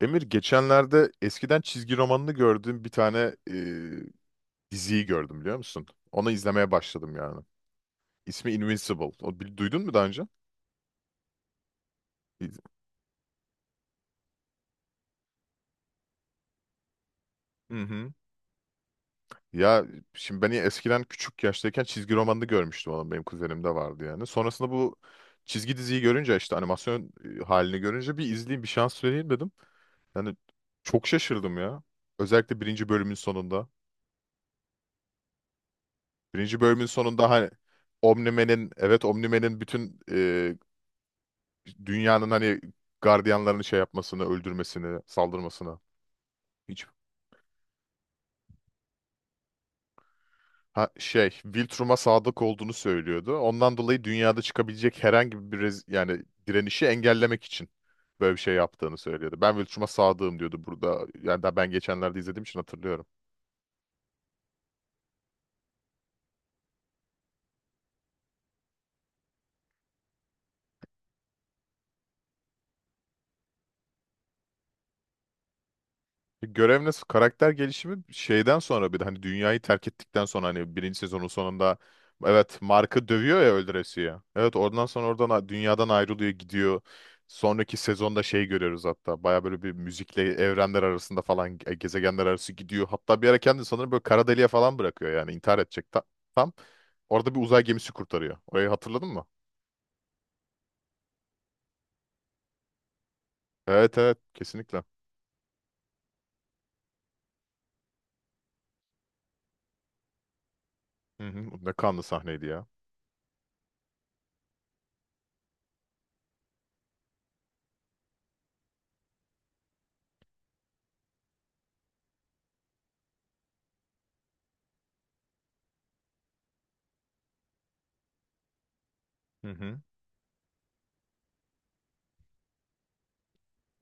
Emir geçenlerde eskiden çizgi romanını gördüğüm bir tane diziyi gördüm, biliyor musun? Onu izlemeye başladım yani. İsmi Invincible. Duydun mu daha önce? İz- Hı hı. Ya şimdi ben eskiden küçük yaştayken çizgi romanını görmüştüm, onun benim kuzenimde vardı yani. Sonrasında bu çizgi diziyi görünce, işte animasyon halini görünce, bir izleyeyim bir şans vereyim dedim. Yani çok şaşırdım ya. Özellikle birinci bölümün sonunda. Birinci bölümün sonunda hani Omnimen'in, evet, Omnimen'in bütün dünyanın hani gardiyanlarını şey yapmasını, öldürmesini, saldırmasını. Hiç. Ha, şey, Viltrum'a sadık olduğunu söylüyordu. Ondan dolayı dünyada çıkabilecek herhangi bir yani direnişi engellemek için böyle bir şey yaptığını söylüyordu. Ben Viltrum'a sadığım diyordu burada. Yani daha ben geçenlerde izlediğim için hatırlıyorum. Görev nasıl? Karakter gelişimi şeyden sonra bir de hani dünyayı terk ettikten sonra, hani birinci sezonun sonunda, evet, Mark'ı dövüyor ya öldüresiye. Evet, oradan sonra oradan dünyadan ayrılıyor, gidiyor. Sonraki sezonda şey görüyoruz, hatta baya böyle bir müzikle evrenler arasında falan gezegenler arası gidiyor. Hatta bir ara kendini sanırım böyle kara deliğe falan bırakıyor yani, intihar edecek. Tam. Orada bir uzay gemisi kurtarıyor. Orayı hatırladın mı? Evet, evet, kesinlikle. Hı hı. Ne kanlı sahneydi ya. Hı hı.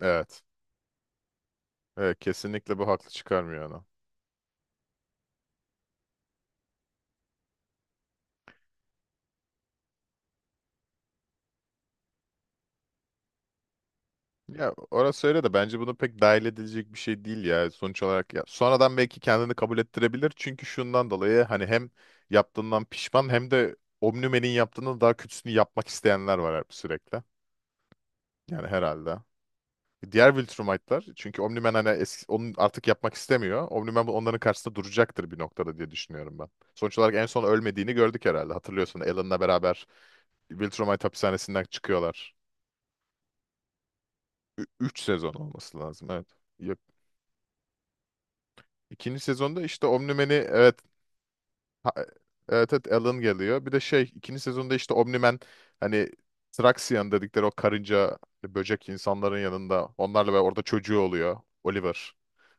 Evet. Evet, kesinlikle bu haklı çıkarmıyor ana. Ya orası öyle de, bence bunu pek dahil edilecek bir şey değil ya, sonuç olarak ya. Sonradan belki kendini kabul ettirebilir, çünkü şundan dolayı hani hem yaptığından pişman, hem de Omnimen'in yaptığının daha kötüsünü yapmak isteyenler var hep sürekli. Yani herhalde. Diğer Viltrumite'lar çünkü Omnimen hani eski, onu artık yapmak istemiyor. Omnimen onların karşısında duracaktır bir noktada diye düşünüyorum ben. Sonuç olarak en son ölmediğini gördük herhalde. Hatırlıyorsun, Alan'la beraber Viltrumite hapishanesinden çıkıyorlar. Üç sezon olması lazım, evet. İkinci sezonda işte Omni-Man'i, evet, ha- evet, evet, Alan geliyor. Bir de şey, ikinci sezonda işte Omni-Man hani Traxian dedikleri o karınca hani böcek insanların yanında onlarla, ve orada çocuğu oluyor. Oliver.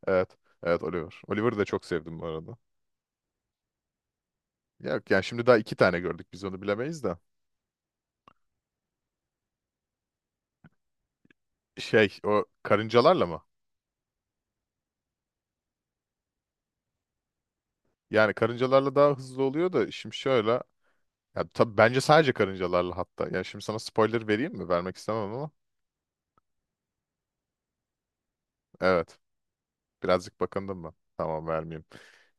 Evet. Evet, Oliver. Oliver'ı da çok sevdim bu arada. Yok yani şimdi daha iki tane gördük, biz onu bilemeyiz de. Şey, o karıncalarla mı? Yani karıncalarla daha hızlı oluyor da şimdi şöyle. Ya tabii bence sadece karıncalarla hatta. Yani şimdi sana spoiler vereyim mi? Vermek istemem ama. Evet. Birazcık bakındım mı? Tamam, vermeyeyim.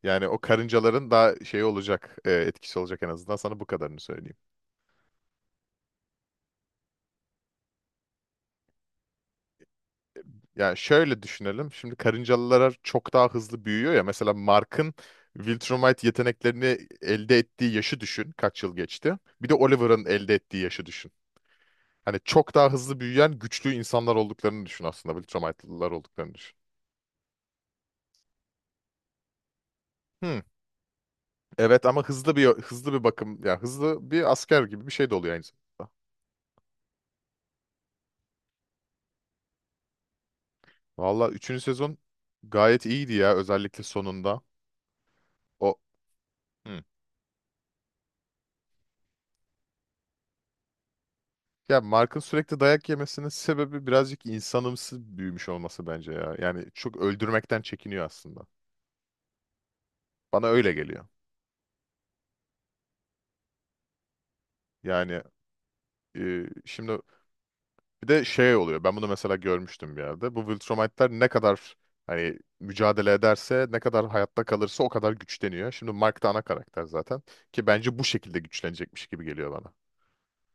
Yani o karıncaların daha şey olacak, etkisi olacak, en azından sana bu kadarını söyleyeyim. Yani şöyle düşünelim. Şimdi karıncalılar çok daha hızlı büyüyor ya. Mesela Mark'ın Viltrumite yeteneklerini elde ettiği yaşı düşün. Kaç yıl geçti? Bir de Oliver'ın elde ettiği yaşı düşün. Hani çok daha hızlı büyüyen güçlü insanlar olduklarını düşün aslında. Viltrumite'lılar olduklarını düşün. Hmm. Evet, ama hızlı bir bakım ya, hızlı bir asker gibi bir şey de oluyor aynı zamanda. Valla üçüncü sezon gayet iyiydi ya, özellikle sonunda. O. Hı. Ya Mark'ın sürekli dayak yemesinin sebebi birazcık insanımsı büyümüş olması bence ya. Yani çok öldürmekten çekiniyor aslında. Bana öyle geliyor. Yani, şimdi bir de şey oluyor. Ben bunu mesela görmüştüm bir yerde. Bu Viltrumite'ler ne kadar hani mücadele ederse, ne kadar hayatta kalırsa, o kadar güçleniyor. Şimdi Mark da ana karakter zaten, ki bence bu şekilde güçlenecekmiş gibi geliyor bana.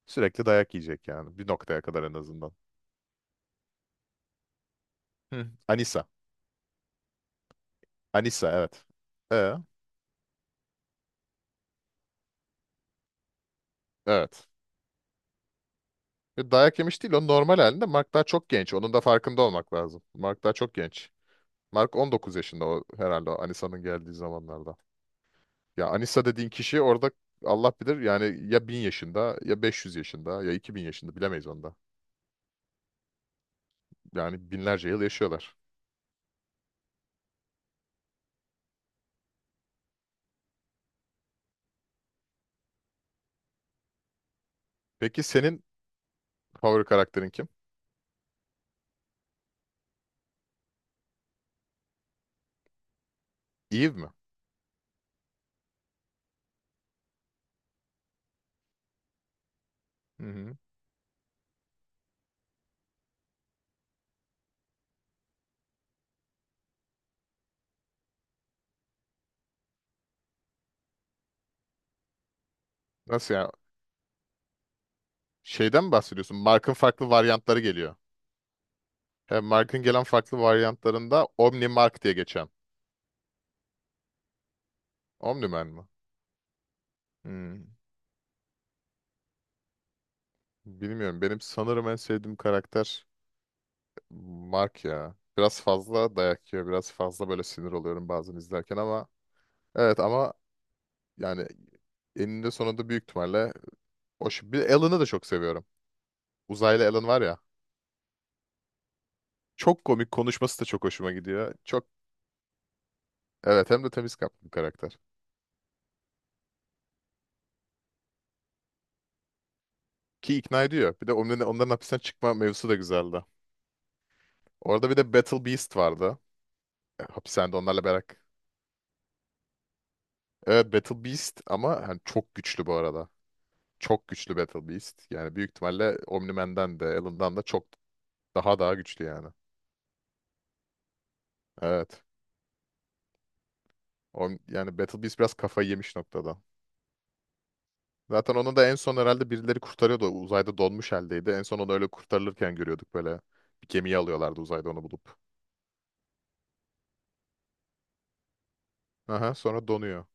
Sürekli dayak yiyecek yani, bir noktaya kadar en azından. Hı. Anissa. Anissa, evet. Ee, evet. Dayak yemiş değil, o normal halinde. Mark daha çok genç. Onun da farkında olmak lazım. Mark daha çok genç. Mark 19 yaşında o herhalde, o Anissa'nın geldiği zamanlarda. Ya Anissa dediğin kişi orada Allah bilir yani, ya 1000 yaşında, ya 500 yaşında, ya 2000 yaşında, bilemeyiz onda. Yani binlerce yıl yaşıyorlar. Peki senin favori karakterin kim? Eve mi? Hı hı. Nasıl ya? Şeyden mi bahsediyorsun? Mark'ın farklı varyantları geliyor. He, Mark'ın gelen farklı varyantlarında Omni Mark diye geçen Omniman mı? Hmm, Bilmiyorum. Benim sanırım en sevdiğim karakter Mark ya. Biraz fazla dayak yiyor. Biraz fazla böyle sinir oluyorum bazen izlerken ama, evet, ama yani eninde sonunda büyük ihtimalle bir Alan'ı da çok seviyorum. Uzaylı Alan var ya. Çok komik konuşması da çok hoşuma gidiyor. Çok. Evet, hem de temiz kalpli bir karakter. Ki ikna ediyor. Bir de onların hapisten çıkma mevzusu da güzeldi. Orada bir de Battle Beast vardı. Hapishanede onlarla beraber. Evet, Battle Beast ama hani çok güçlü bu arada. Çok güçlü Battle Beast. Yani büyük ihtimalle Omni-Man'den de, Alan'dan da çok daha güçlü yani. Evet. Yani Battle Beast biraz kafayı yemiş noktada. Zaten onu da en son herhalde birileri kurtarıyordu. O uzayda donmuş haldeydi. En son onu öyle kurtarılırken görüyorduk böyle. Bir gemiye alıyorlardı, uzayda onu bulup. Aha, sonra donuyor.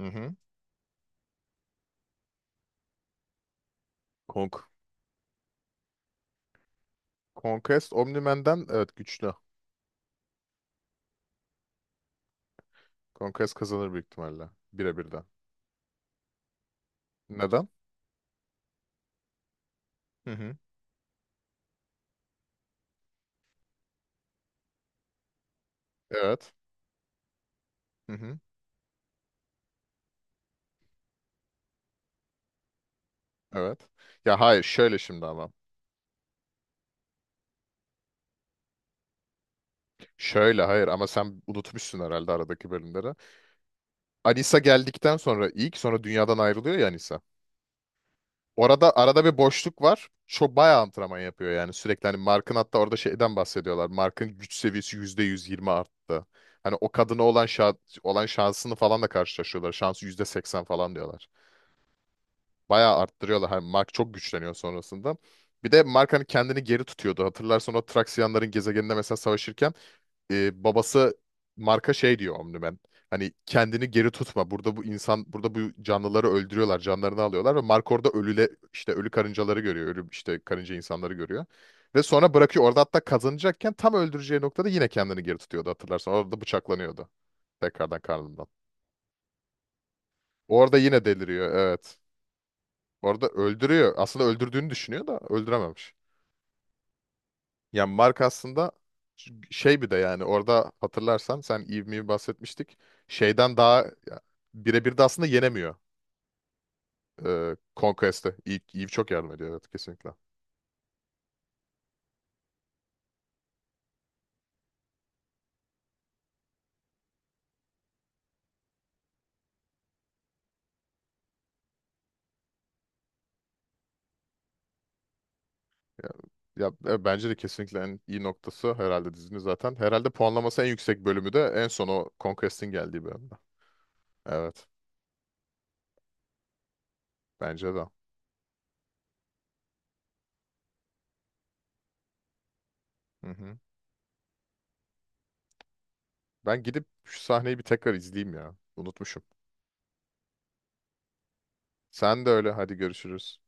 Hı hı. Kong. Conquest Omni-Man'den, evet, güçlü. Conquest kazanır büyük ihtimalle. Birebirden. Neden? Hı hı. Evet. Hı hı. Evet. Ya hayır, şöyle şimdi ama. Şöyle hayır, ama sen unutmuşsun herhalde aradaki bölümleri. Anissa geldikten sonra ilk, sonra dünyadan ayrılıyor ya Anissa. Orada arada bir boşluk var. Çok bayağı antrenman yapıyor yani sürekli. Hani Mark'ın, hatta orada şeyden bahsediyorlar. Mark'ın güç seviyesi %120 arttı. Hani o kadına olan şansını falan da karşılaşıyorlar. Şansı %80 falan diyorlar. Bayağı arttırıyorlar. Hani Mark çok güçleniyor sonrasında. Bir de Mark hani kendini geri tutuyordu. Hatırlarsan o Traksiyanların gezegeninde mesela savaşırken, babası marka şey diyor Omniman. Hani kendini geri tutma. Burada bu insan, burada bu canlıları öldürüyorlar, canlarını alıyorlar ve Mark orada işte ölü karıncaları görüyor, ölü işte karınca insanları görüyor. Ve sonra bırakıyor. Orada hatta kazanacakken tam öldüreceği noktada yine kendini geri tutuyordu hatırlarsan. Orada bıçaklanıyordu. Tekrardan karnından. Orada yine deliriyor, evet. Orada öldürüyor. Aslında öldürdüğünü düşünüyor da öldürememiş. Yani Mark aslında şey, bir de yani orada hatırlarsan sen ivmeyi bahsetmiştik. Şeyden daha ya, birebir de aslında yenemiyor, Conquest'ı. Eve çok yardım ediyor, evet kesinlikle. Ya, ya, bence de kesinlikle en iyi noktası herhalde dizinin zaten. Herhalde puanlaması en yüksek bölümü de en son o Conquest'in geldiği bölümde. Evet, bence de. Hı hı. Ben gidip şu sahneyi bir tekrar izleyeyim ya. Unutmuşum. Sen de öyle, hadi görüşürüz.